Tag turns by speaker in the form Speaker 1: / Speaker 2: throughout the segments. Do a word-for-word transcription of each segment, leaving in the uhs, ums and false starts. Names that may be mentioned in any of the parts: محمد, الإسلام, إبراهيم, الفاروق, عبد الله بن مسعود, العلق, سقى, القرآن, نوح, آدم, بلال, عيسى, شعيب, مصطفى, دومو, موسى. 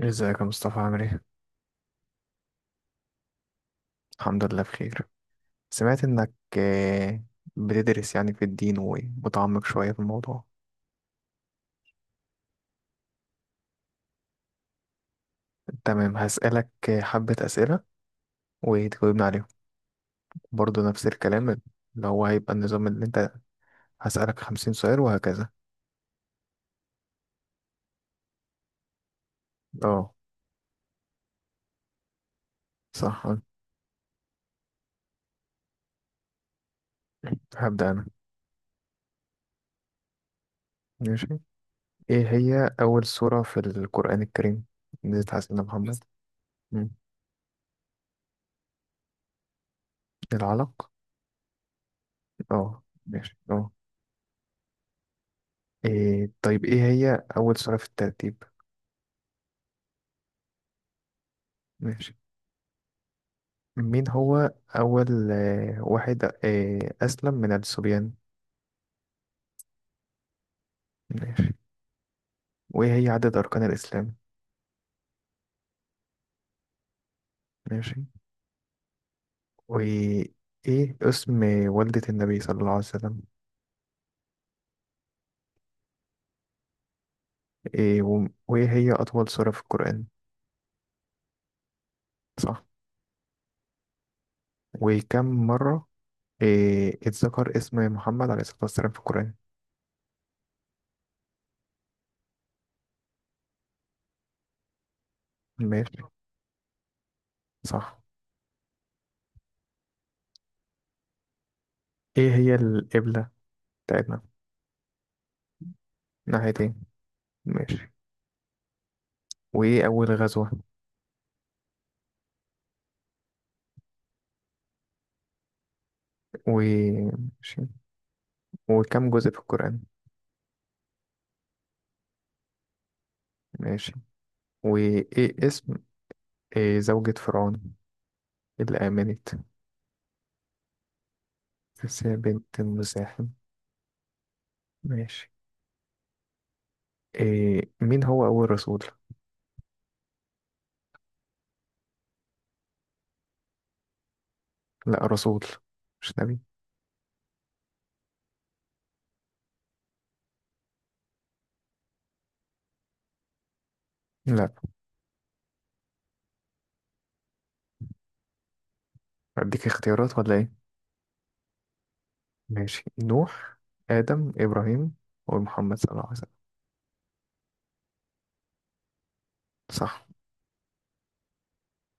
Speaker 1: ازيك يا مصطفى؟ عامل ايه؟ الحمد لله بخير. سمعت انك آه، بتدرس يعني في الدين ومتعمق شوية في الموضوع. تمام، هسألك آه، حبة أسئلة وتجاوبني عليهم، برضه نفس الكلام اللي هو هيبقى النظام اللي انت. هسألك خمسين سؤال وهكذا. اه. صح. هبدأ أنا. ماشي. ايه هي أول سورة في القرآن الكريم نزلت على سيدنا محمد؟ مم. العلق. اه، ماشي، اه. إيه طيب، ايه هي أول سورة في الترتيب؟ ماشي. مين هو أول آه، واحد آه، أسلم من الصبيان؟ ماشي. وإيه هي عدد أركان الإسلام؟ ماشي. وإيه اسم والدة النبي صلى الله عليه وسلم؟ إيه و- وإيه هي أطول سورة في القرآن؟ صح. وكم مرة إيه اتذكر اسم محمد عليه الصلاة والسلام في القرآن؟ ماشي، صح. إيه هي القبلة بتاعتنا؟ ناحية إيه؟ ماشي. وإيه أول غزوة؟ وماشي. وكم جزء في القرآن؟ ماشي. وإيه إيه زوجة فرعون اللي آمنت؟ تسيا بنت المزاحم. ماشي. إيه، مين هو أول رسول؟ لا، رسول مش نبي. لا. أديك اختيارات ولا إيه؟ ماشي، نوح، آدم، إبراهيم، ومحمد صلى الله عليه وسلم. صح.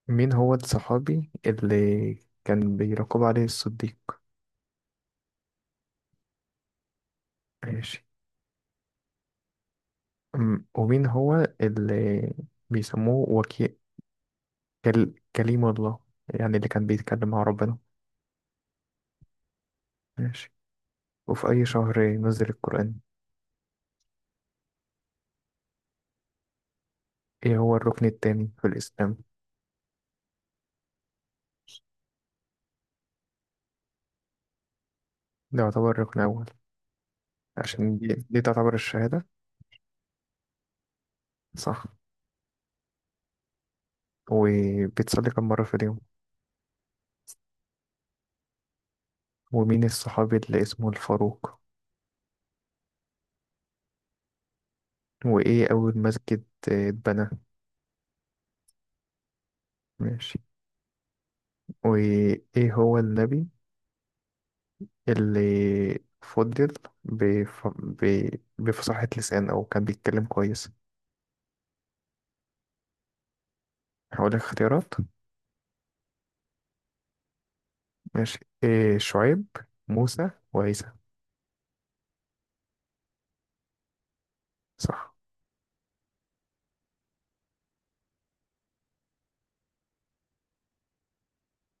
Speaker 1: مين هو الصحابي اللي كان بيراقب عليه الصديق؟ ماشي. أم، ومين هو اللي بيسموه وكيل كل... كليم الله، يعني اللي كان بيتكلم مع ربنا؟ ماشي. وفي أي شهر نزل القرآن؟ ايه هو الركن التاني في الإسلام؟ ده يعتبر ركن أول، عشان دي, دي تعتبر الشهادة. صح. وبتصلي كم مرة في اليوم؟ ومين الصحابي اللي اسمه الفاروق؟ وإيه أول مسجد آه، اتبنى؟ ماشي. وإيه هو النبي اللي فضل بف... ب... بفصاحة لسان أو كان بيتكلم كويس؟ هقول لك اختيارات. ماشي، إيه، شعيب، موسى، وعيسى. صح.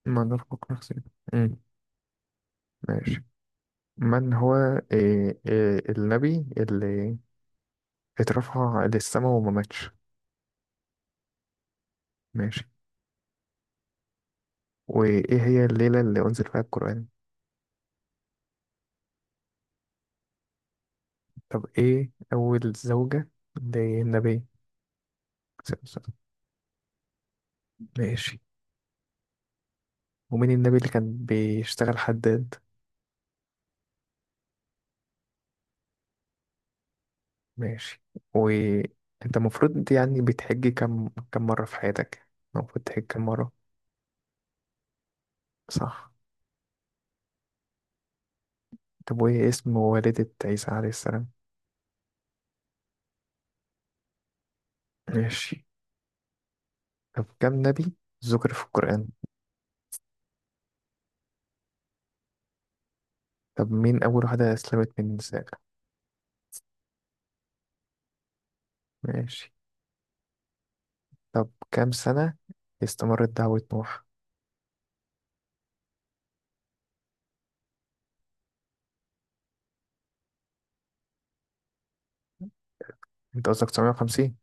Speaker 1: ما نرفق نفسنا. مم. ماشي. من هو إيه إيه النبي اللي اترفع للسماء وما ماتش؟ ماشي. وإيه هي الليلة اللي أنزل فيها القرآن؟ طب إيه أول زوجة للنبي صلى الله عليه وسلم؟ ماشي. ومين النبي اللي كان بيشتغل حداد؟ ماشي. وأنت المفروض يعني بتحج كم كم مرة في حياتك؟ المفروض تحج كم مرة؟ صح. طب وإيه اسم والدة عيسى عليه السلام؟ ماشي. طب كم نبي ذكر في القرآن؟ طب مين أول واحدة أسلمت من النساء؟ ماشي. طب كام سنة استمرت دعوة نوح؟ أنت قصدك تسعمية وخمسين؟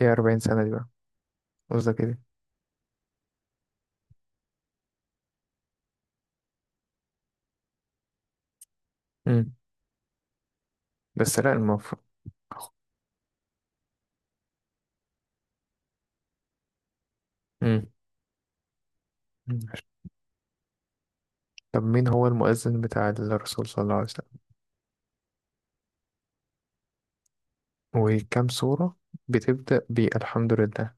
Speaker 1: إيه أربعين سنة دي بقى؟ قصدك إيه؟ امم بس لا، المفروض. امم طب مين هو المؤذن بتاع الرسول صلى الله عليه وسلم؟ وكم سورة بتبدأ بالحمد لله؟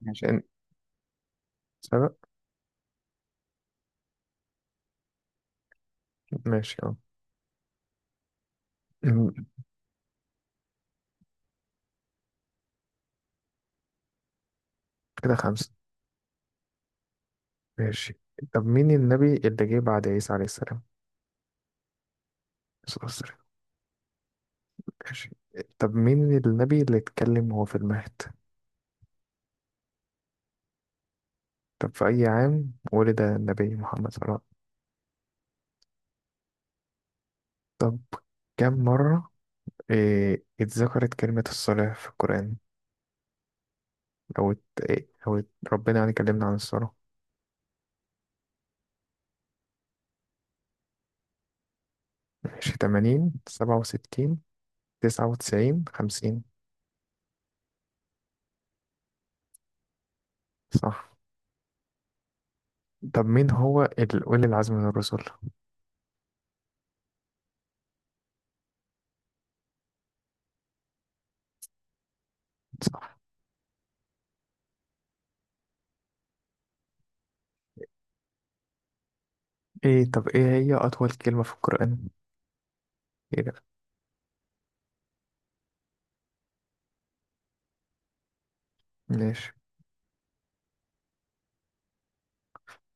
Speaker 1: ماشي، عشان سبق. ماشي، اه. أمم، كده خمسة. ماشي. طب مين النبي اللي جه بعد عيسى عليه السلام؟ الصلاة والسلام. ماشي. طب مين النبي اللي اتكلم وهو في المهد؟ طب في أي عام ولد النبي محمد صلى الله عليه وسلم؟ طب كم مرة إيه اتذكرت كلمة الصلاة في القرآن؟ أو ات... إيه أو ات... ربنا يعني كلمنا عن الصلاة. ماشي، تمانين، سبعة وستين، تسعة وتسعين، خمسين. صح. طب مين هو ال- أولي العزم من الرسل؟ صح. إيه طب إيه هي أطول كلمة في القرآن؟ إيه ده؟ ماشي.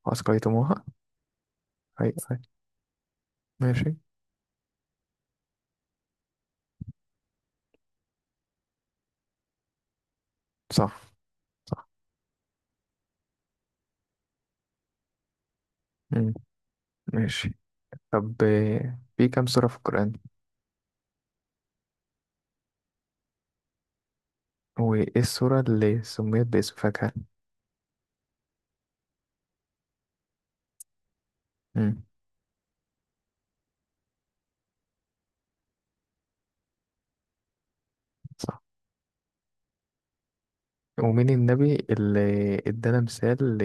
Speaker 1: أسقيتموها. أي أي. ماشي، صح. مم. ماشي. طب إيه، في كم سورة في القرآن؟ وإيه السورة اللي سميت باسم فاكهة؟ مم. صح. ومين النبي اللي ادانا مثال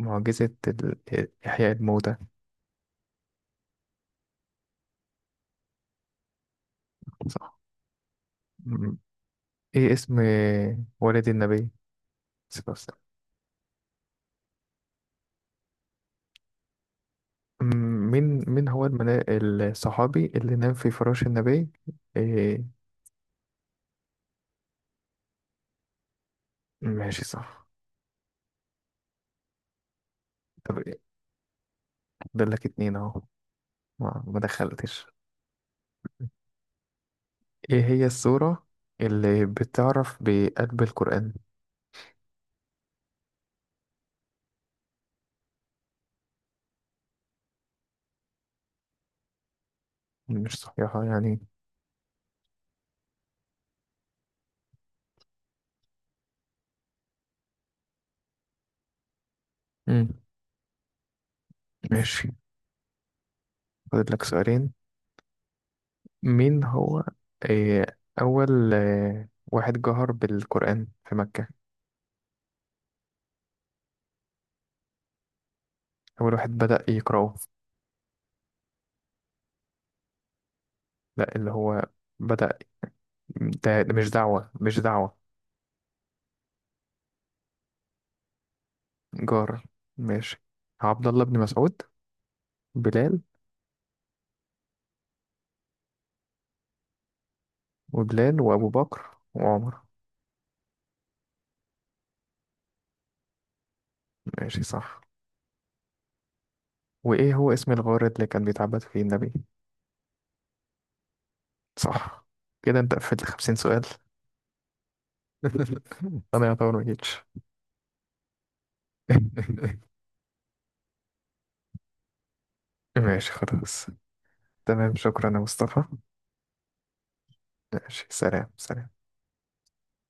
Speaker 1: لمعجزة ال- إحياء الموتى؟ صح. مم. إيه اسم والد النبي صلى الله عليه وسلم؟ مم. مين مين هو المنا... الصحابي اللي نام في فراش النبي؟ إيه. ماشي، صح. طب إيه؟ فاضل لك اتنين أهو، ما ما دخلتش. إيه هي السورة اللي بتعرف بقلب القرآن؟ مش صحيحة يعني. مم. ماشي. فاضل لك سؤالين. مين هو آه، أول آه، واحد جهر بالقرآن في مكة؟ أول واحد بدأ يقرأه. لا، اللي هو بدأ. ده, ده مش دعوة، مش دعوة. جار. ماشي، عبد الله بن مسعود، بلال، وبلال وأبو بكر وعمر. ماشي، صح. وإيه هو اسم الغار اللي كان بيتعبد فيه النبي؟ صح. كده أنت قفلت خمسين سؤال. أنا يعتبر مجيتش. ماشي، خلاص. تمام، شكرا يا مصطفى. ماشي، سلام سلام.